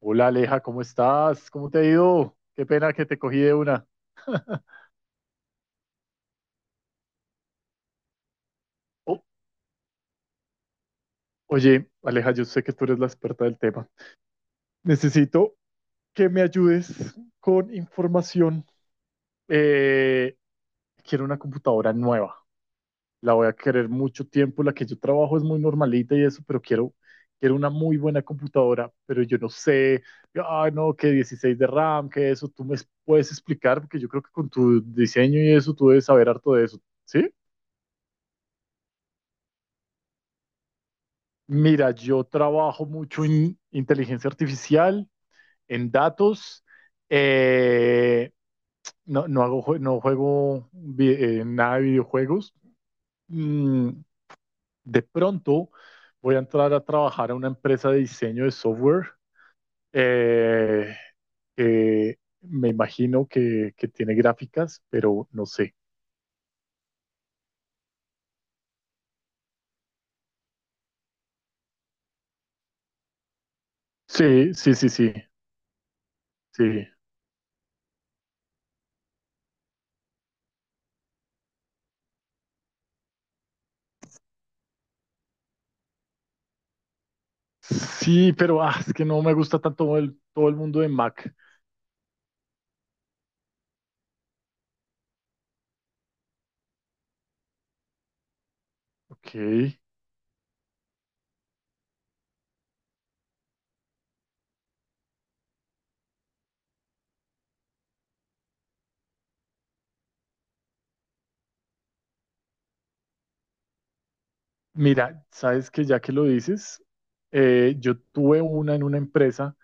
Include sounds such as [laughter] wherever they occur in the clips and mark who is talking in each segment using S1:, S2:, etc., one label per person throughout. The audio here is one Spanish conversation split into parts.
S1: Hola, Aleja, ¿cómo estás? ¿Cómo te ha ido? Qué pena que te cogí de una. Oh, oye, Aleja, yo sé que tú eres la experta del tema. Necesito que me ayudes con información. Eh, quiero una computadora nueva. La voy a querer mucho tiempo. La que yo trabajo es muy normalita y eso, pero quiero una muy buena computadora. Pero yo no sé, ah, no, que 16 de RAM, que eso. Tú me puedes explicar, porque yo creo que con tu diseño y eso, tú debes saber harto de eso. ¿Sí? Mira, yo trabajo mucho en inteligencia artificial, en datos. eh, no juego nada de videojuegos. Mm, de pronto voy a entrar a trabajar a una empresa de diseño de software eh, que me imagino que tiene gráficas, pero no sé. Sí, sí, sí, sí, sí. Sí, pero ah, es que no me gusta tanto todo el mundo de Mac. Ok. Mira, sabes que ya que lo dices, yo tuve una en una empresa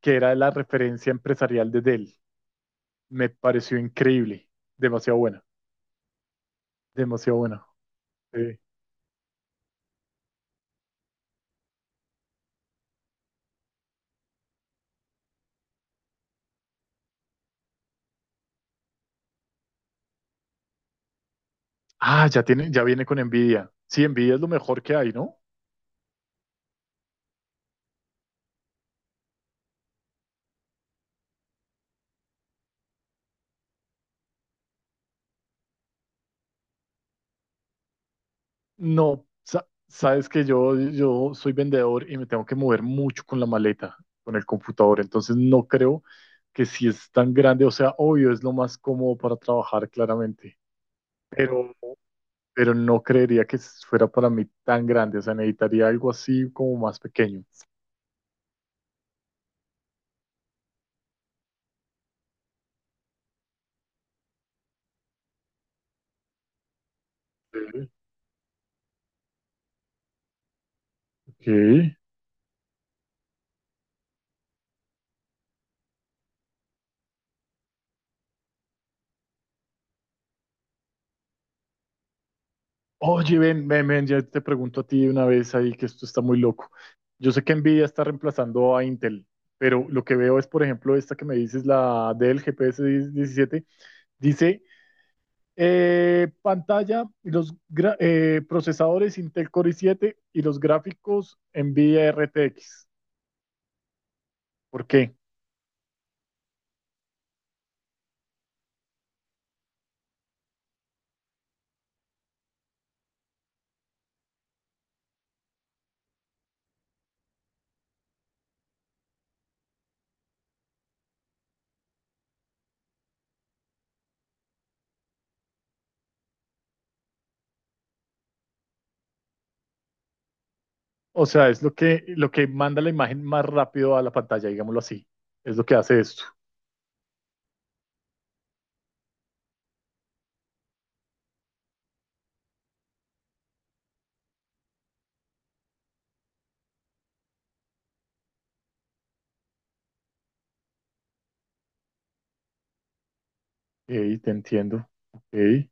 S1: que era la referencia empresarial de Dell. Me pareció increíble, demasiado buena, demasiado buena. Eh, ya tiene, ya viene con Nvidia. Sí, Nvidia es lo mejor que hay, ¿no? No, sabes que yo soy vendedor y me tengo que mover mucho con la maleta, con el computador. Entonces no creo que si es tan grande, o sea, obvio, es lo más cómodo para trabajar claramente. Pero no creería que fuera para mí tan grande. O sea, necesitaría algo así como más pequeño. Sí. Ok. Oye, ven, ya te pregunto a ti de una vez ahí que esto está muy loco. Yo sé que Nvidia está reemplazando a Intel, pero lo que veo es, por ejemplo, esta que me dices, la del GPS 17 dice pantalla y los procesadores Intel Core i7 y los gráficos Nvidia RTX. ¿Por qué? O sea, es lo que manda la imagen más rápido a la pantalla, digámoslo así. Es lo que hace esto. Ok, te entiendo. Ok.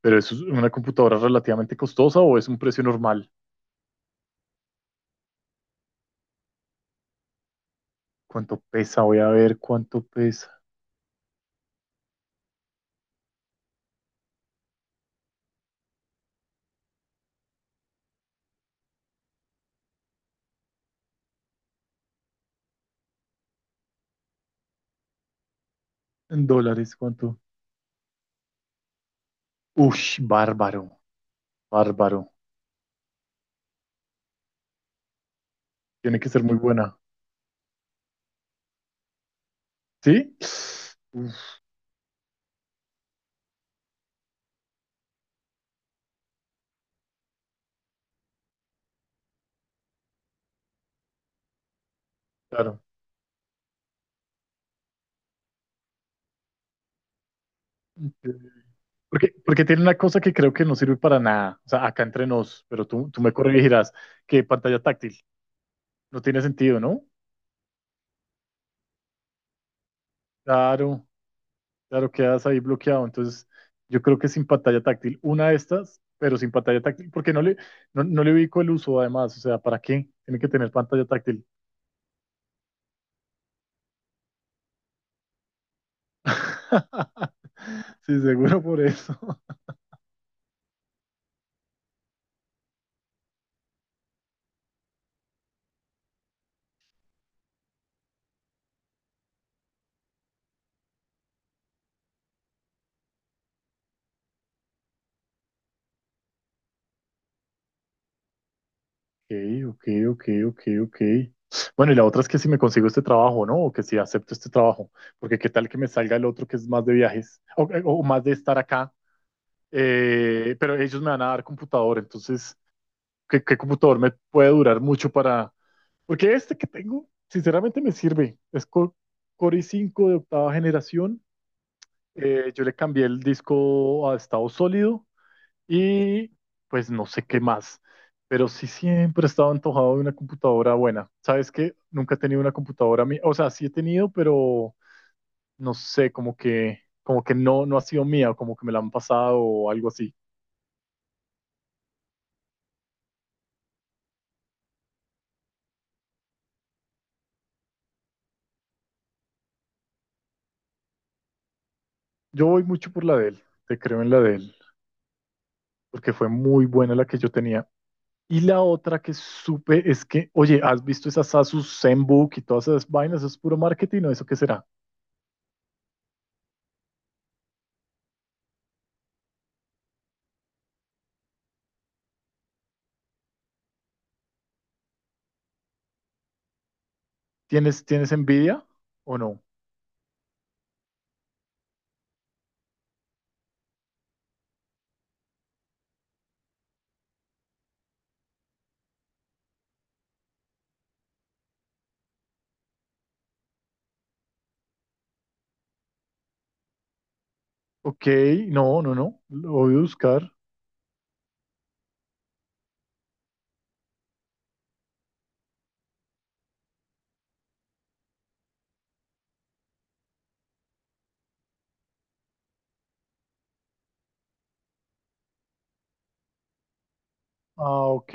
S1: ¿Pero eso es una computadora relativamente costosa o es un precio normal? ¿Cuánto pesa? Voy a ver cuánto pesa. En dólares, ¿cuánto? Ush, bárbaro, bárbaro. Tiene que ser muy buena. ¿Sí? Uf, claro. Entiendo. Porque, porque tiene una cosa que creo que no sirve para nada. O sea, acá entre nos, pero tú me corregirás, que pantalla táctil. No tiene sentido, ¿no? Claro. Claro, quedas ahí bloqueado. Entonces, yo creo que sin pantalla táctil, una de estas, pero sin pantalla táctil, porque no no le ubico el uso además. O sea, ¿para qué? Tiene que tener pantalla táctil. [laughs] Sí, seguro por eso. Ok, ok, ok, ok, ok. Bueno, y la otra es que si me consigo este trabajo, ¿no? O que si acepto este trabajo, porque qué tal que me salga el otro que es más de viajes o más de estar acá, pero ellos me van a dar computador, entonces qué computador me puede durar mucho para... Porque este que tengo, sinceramente me sirve. Es Core i5 de octava generación. Yo le cambié el disco a estado sólido y pues no sé qué más. Pero sí siempre he estado antojado de una computadora buena. ¿Sabes qué? Nunca he tenido una computadora mía. O sea, sí he tenido, pero no sé, como que no ha sido mía, como que me la han pasado o algo así. Yo voy mucho por la de él, te creo en la de él, porque fue muy buena la que yo tenía. Y la otra que supe es que, oye, ¿has visto esas Asus ZenBook y todas esas vainas? ¿Eso es puro marketing o eso qué será? Tienes envidia o no? Ok, no, no, no. Lo voy a buscar. Ah, ok.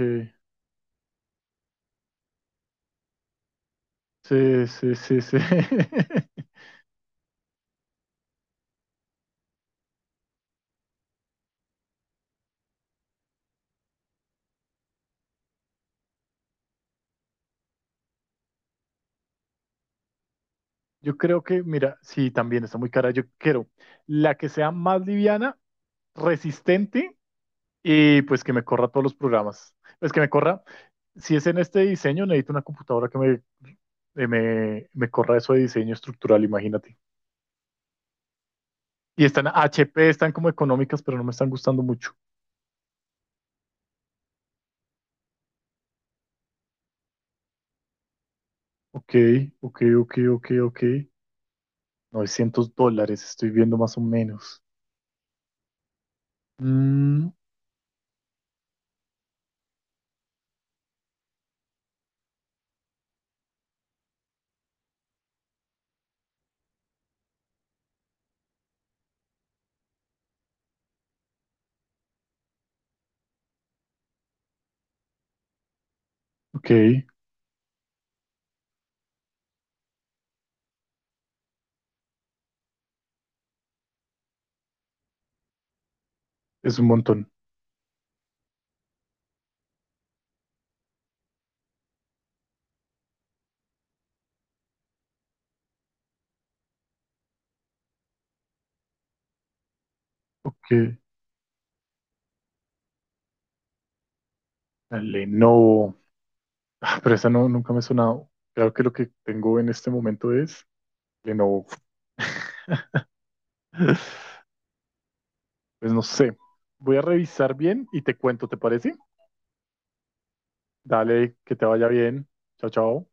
S1: Sí, sí, sí, sí. [laughs] Yo creo que, mira, sí, también está muy cara. Yo quiero la que sea más liviana, resistente. Y pues que me corra todos los programas. Es que me corra, si es en este diseño, necesito una computadora que me corra eso de diseño estructural, imagínate. Y están HP, están como económicas, pero no me están gustando mucho. Ok, ok, ok, ok, ok. $900, estoy viendo más o menos. Mm, ok, es un montón. Ok, la Lenovo. Ah, pero esa no, nunca me ha sonado. Creo que lo que tengo en este momento es Lenovo. [laughs] Pues no sé. Voy a revisar bien y te cuento, ¿te parece? Dale, que te vaya bien. Chao, chao.